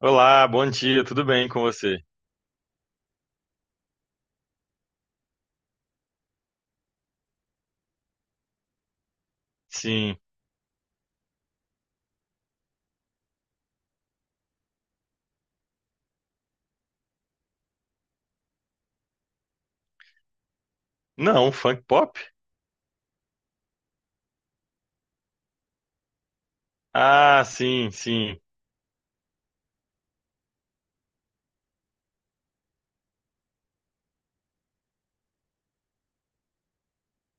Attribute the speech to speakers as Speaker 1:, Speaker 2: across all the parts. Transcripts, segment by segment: Speaker 1: Olá, bom dia, tudo bem com você? Sim. Não, funk pop? Ah, sim, sim,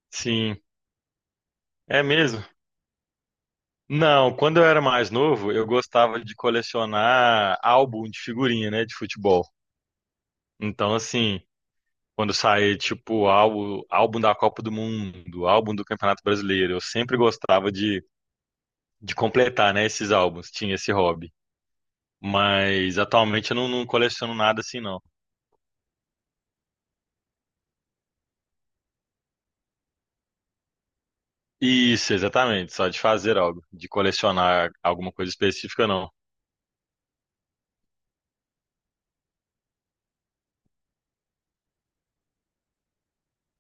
Speaker 1: sim. É mesmo? Não, quando eu era mais novo, eu gostava de colecionar álbum de figurinha, né, de futebol. Então, assim, quando saía, tipo, álbum, álbum da Copa do Mundo, álbum do Campeonato Brasileiro, eu sempre gostava de completar, né, esses álbuns, tinha esse hobby. Mas atualmente eu não, não coleciono nada assim, não. Isso, exatamente. Só de fazer algo, de colecionar alguma coisa específica, não.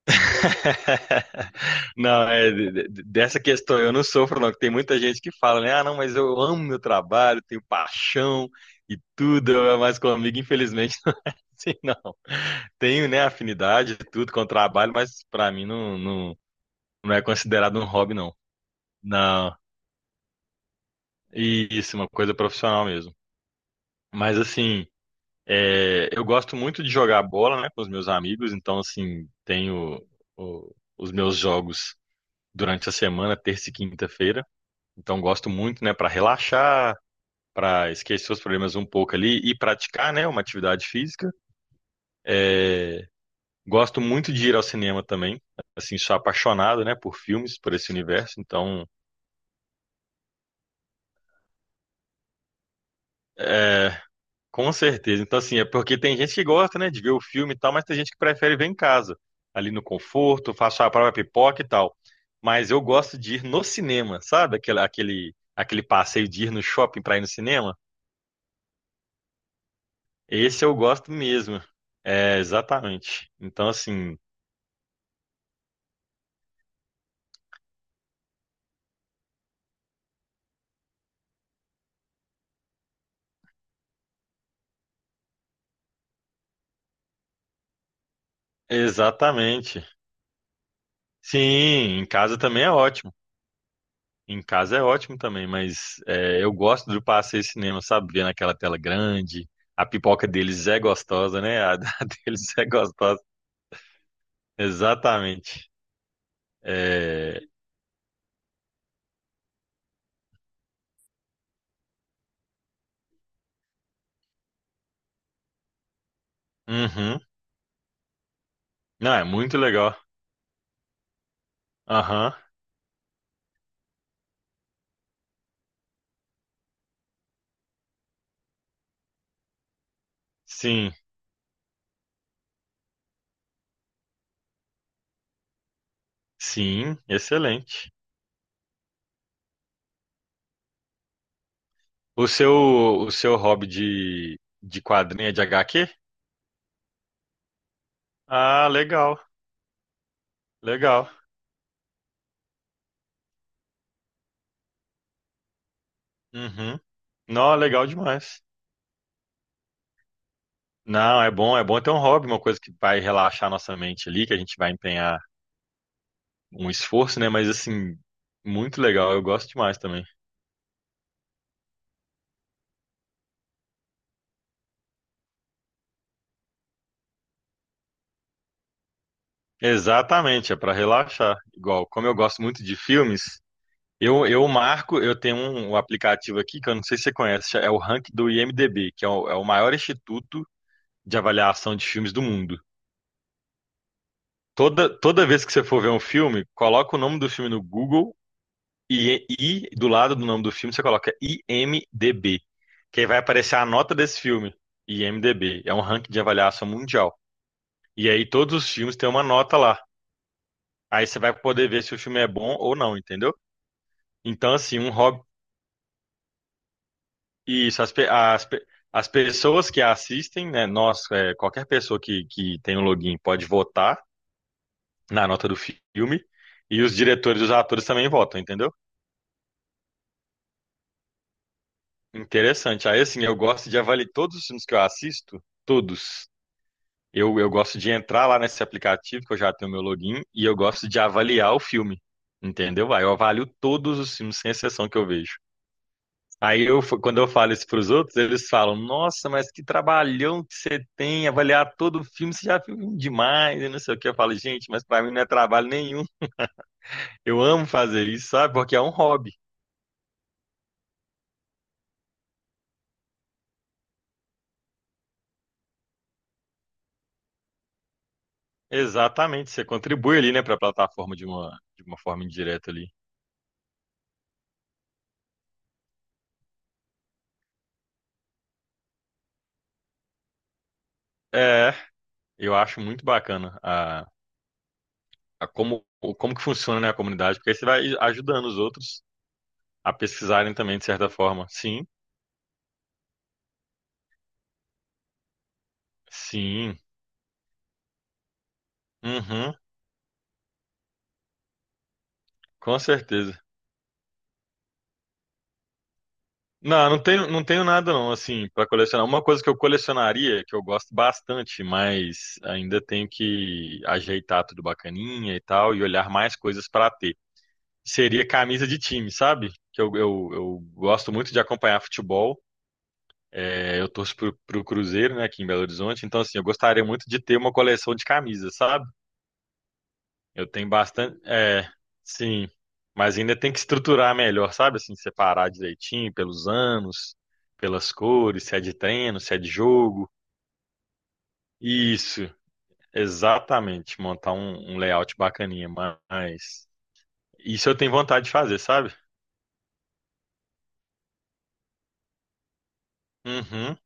Speaker 1: Não, é, dessa questão eu não sofro, não. que Tem muita gente que fala, né? Ah, não, mas eu amo meu trabalho, tenho paixão e tudo, mas comigo, infelizmente, não assim, não. Tenho, né, afinidade e tudo com o trabalho, mas pra mim não, não é considerado um hobby, não. Não, e isso, uma coisa profissional mesmo. Mas assim. É, eu gosto muito de jogar bola, né, com os meus amigos, então, assim, tenho os meus jogos durante a semana, terça e quinta-feira. Então, gosto muito, né, para relaxar, para esquecer os problemas um pouco ali e praticar, né, uma atividade física. Gosto muito de ir ao cinema também, assim, sou apaixonado, né, por filmes, por esse universo. Então, é, com certeza. Então, assim, é porque tem gente que gosta, né, de ver o filme e tal, mas tem gente que prefere ver em casa, ali no conforto, faço a própria pipoca e tal. Mas eu gosto de ir no cinema, sabe? Aquele passeio de ir no shopping pra ir no cinema. Esse eu gosto mesmo. É, exatamente. Então, assim, exatamente. Sim, em casa também é ótimo. Em casa é ótimo também, mas é, eu gosto do passeio cinema, sabe? Ver naquela tela grande. A pipoca deles é gostosa, né? A, da deles é gostosa. Exatamente. É, uhum. Não, é muito legal. Aham. Sim, sim, excelente. O seu, o seu hobby de quadrinho é de HQ? Ah, legal, legal. Uhum. Não, legal demais. Não, é bom ter um hobby, uma coisa que vai relaxar nossa mente ali, que a gente vai empenhar um esforço, né? Mas assim, muito legal, eu gosto demais também. Exatamente, é para relaxar. Igual, como eu gosto muito de filmes, eu, marco, eu tenho um, um aplicativo aqui que eu não sei se você conhece, é o Rank do IMDb, que é o, é o maior instituto de avaliação de filmes do mundo. Toda, toda vez que você for ver um filme, coloca o nome do filme no Google e do lado do nome do filme você coloca IMDb, que aí vai aparecer a nota desse filme, IMDb. É um ranking de avaliação mundial. E aí todos os filmes têm uma nota lá. Aí você vai poder ver se o filme é bom ou não, entendeu? Então, assim, um hobby. Isso, as pessoas que assistem, né? Nós, é, qualquer pessoa que tem um login pode votar na nota do filme. E os diretores e os atores também votam, entendeu? Interessante. Aí, assim, eu gosto de avaliar todos os filmes que eu assisto, todos. Eu gosto de entrar lá nesse aplicativo, que eu já tenho meu login, e eu gosto de avaliar o filme, entendeu? Aí eu avalio todos os filmes, sem exceção que eu vejo. Quando eu falo isso para os outros, eles falam: Nossa, mas que trabalhão que você tem, avaliar todo o filme, você já viu um demais, e não sei o que. Eu falo: Gente, mas para mim não é trabalho nenhum. Eu amo fazer isso, sabe? Porque é um hobby. Exatamente, você contribui ali, né, para a plataforma de uma forma indireta ali. É, eu acho muito bacana a como, como que funciona, né, a comunidade, porque aí você vai ajudando os outros a pesquisarem também, de certa forma. Sim, sim, uhum, com certeza. Não, não tenho, não tenho nada não, assim, para colecionar. Uma coisa que eu colecionaria, que eu gosto bastante, mas ainda tenho que ajeitar tudo bacaninha e tal, e olhar mais coisas para ter. Seria camisa de time, sabe? Que eu gosto muito de acompanhar futebol. É, eu torço pro, pro Cruzeiro, né, aqui em Belo Horizonte. Então, assim, eu gostaria muito de ter uma coleção de camisas, sabe? Eu tenho bastante. É, sim. Mas ainda tem que estruturar melhor, sabe? Assim, separar direitinho pelos anos, pelas cores, se é de treino, se é de jogo. Isso, exatamente. Montar um, um layout bacaninha, mas. Isso eu tenho vontade de fazer, sabe? Uhum.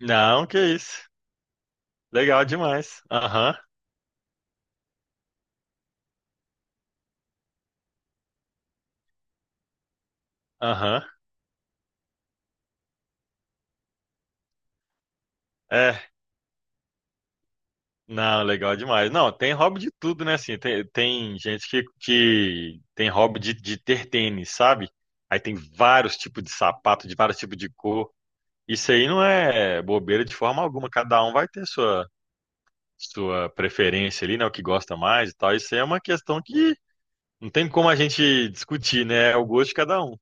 Speaker 1: Não, que isso. Legal demais. Aham, aham. É. Não, legal demais. Não, tem hobby de tudo, né? Assim, tem, tem gente que tem hobby de ter tênis, sabe? Aí tem vários tipos de sapato, de vários tipos de cor. Isso aí não é bobeira de forma alguma. Cada um vai ter sua, sua preferência ali, né? O que gosta mais e tal. Isso aí é uma questão que não tem como a gente discutir, né? É o gosto de cada um.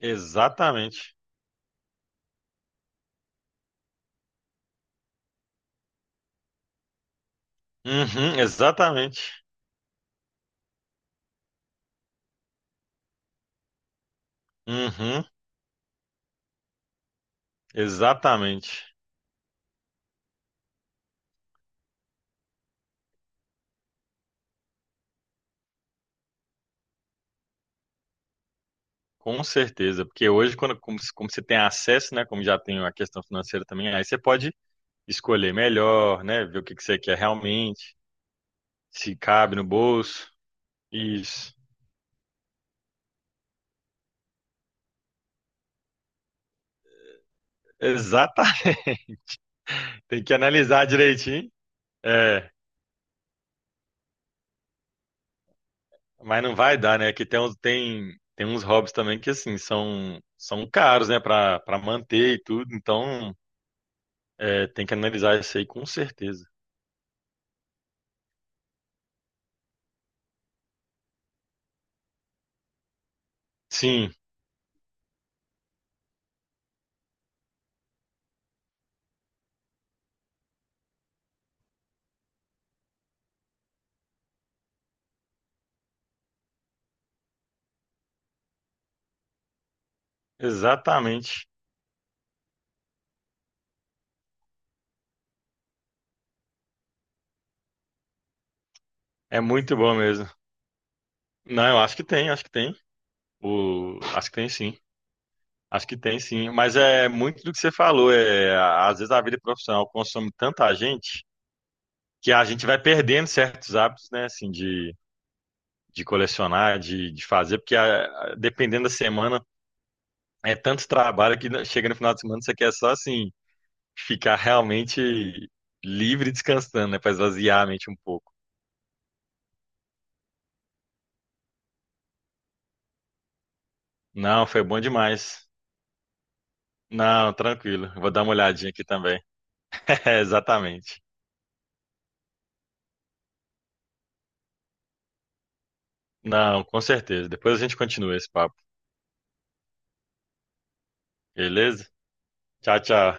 Speaker 1: Exatamente. Uhum, exatamente. Uhum, exatamente. Com certeza, porque hoje, quando, como, como você tem acesso, né, como já tem a questão financeira também, aí você pode escolher melhor, né, ver o que que você quer realmente, se cabe no bolso. Isso. Exatamente. Tem que analisar direitinho. É, mas não vai dar, né? Que tem uns, tem, tem uns hobbies também que, assim, são, são caros, né, para manter e tudo. Então, é, tem que analisar isso aí com certeza. Sim, exatamente. É muito bom mesmo. Não, eu acho que tem, acho que tem. O... Acho que tem sim. Acho que tem sim. Mas é muito do que você falou. É... Às vezes a vida profissional consome tanta gente que a gente vai perdendo certos hábitos, né? Assim, de colecionar, de fazer, porque dependendo da semana, é tanto trabalho que chega no final de semana você quer só assim ficar realmente livre e descansando, né? Para esvaziar a mente um pouco. Não, foi bom demais. Não, tranquilo. Vou dar uma olhadinha aqui também. É, exatamente. Não, com certeza. Depois a gente continua esse papo. Beleza? Tchau, tchau.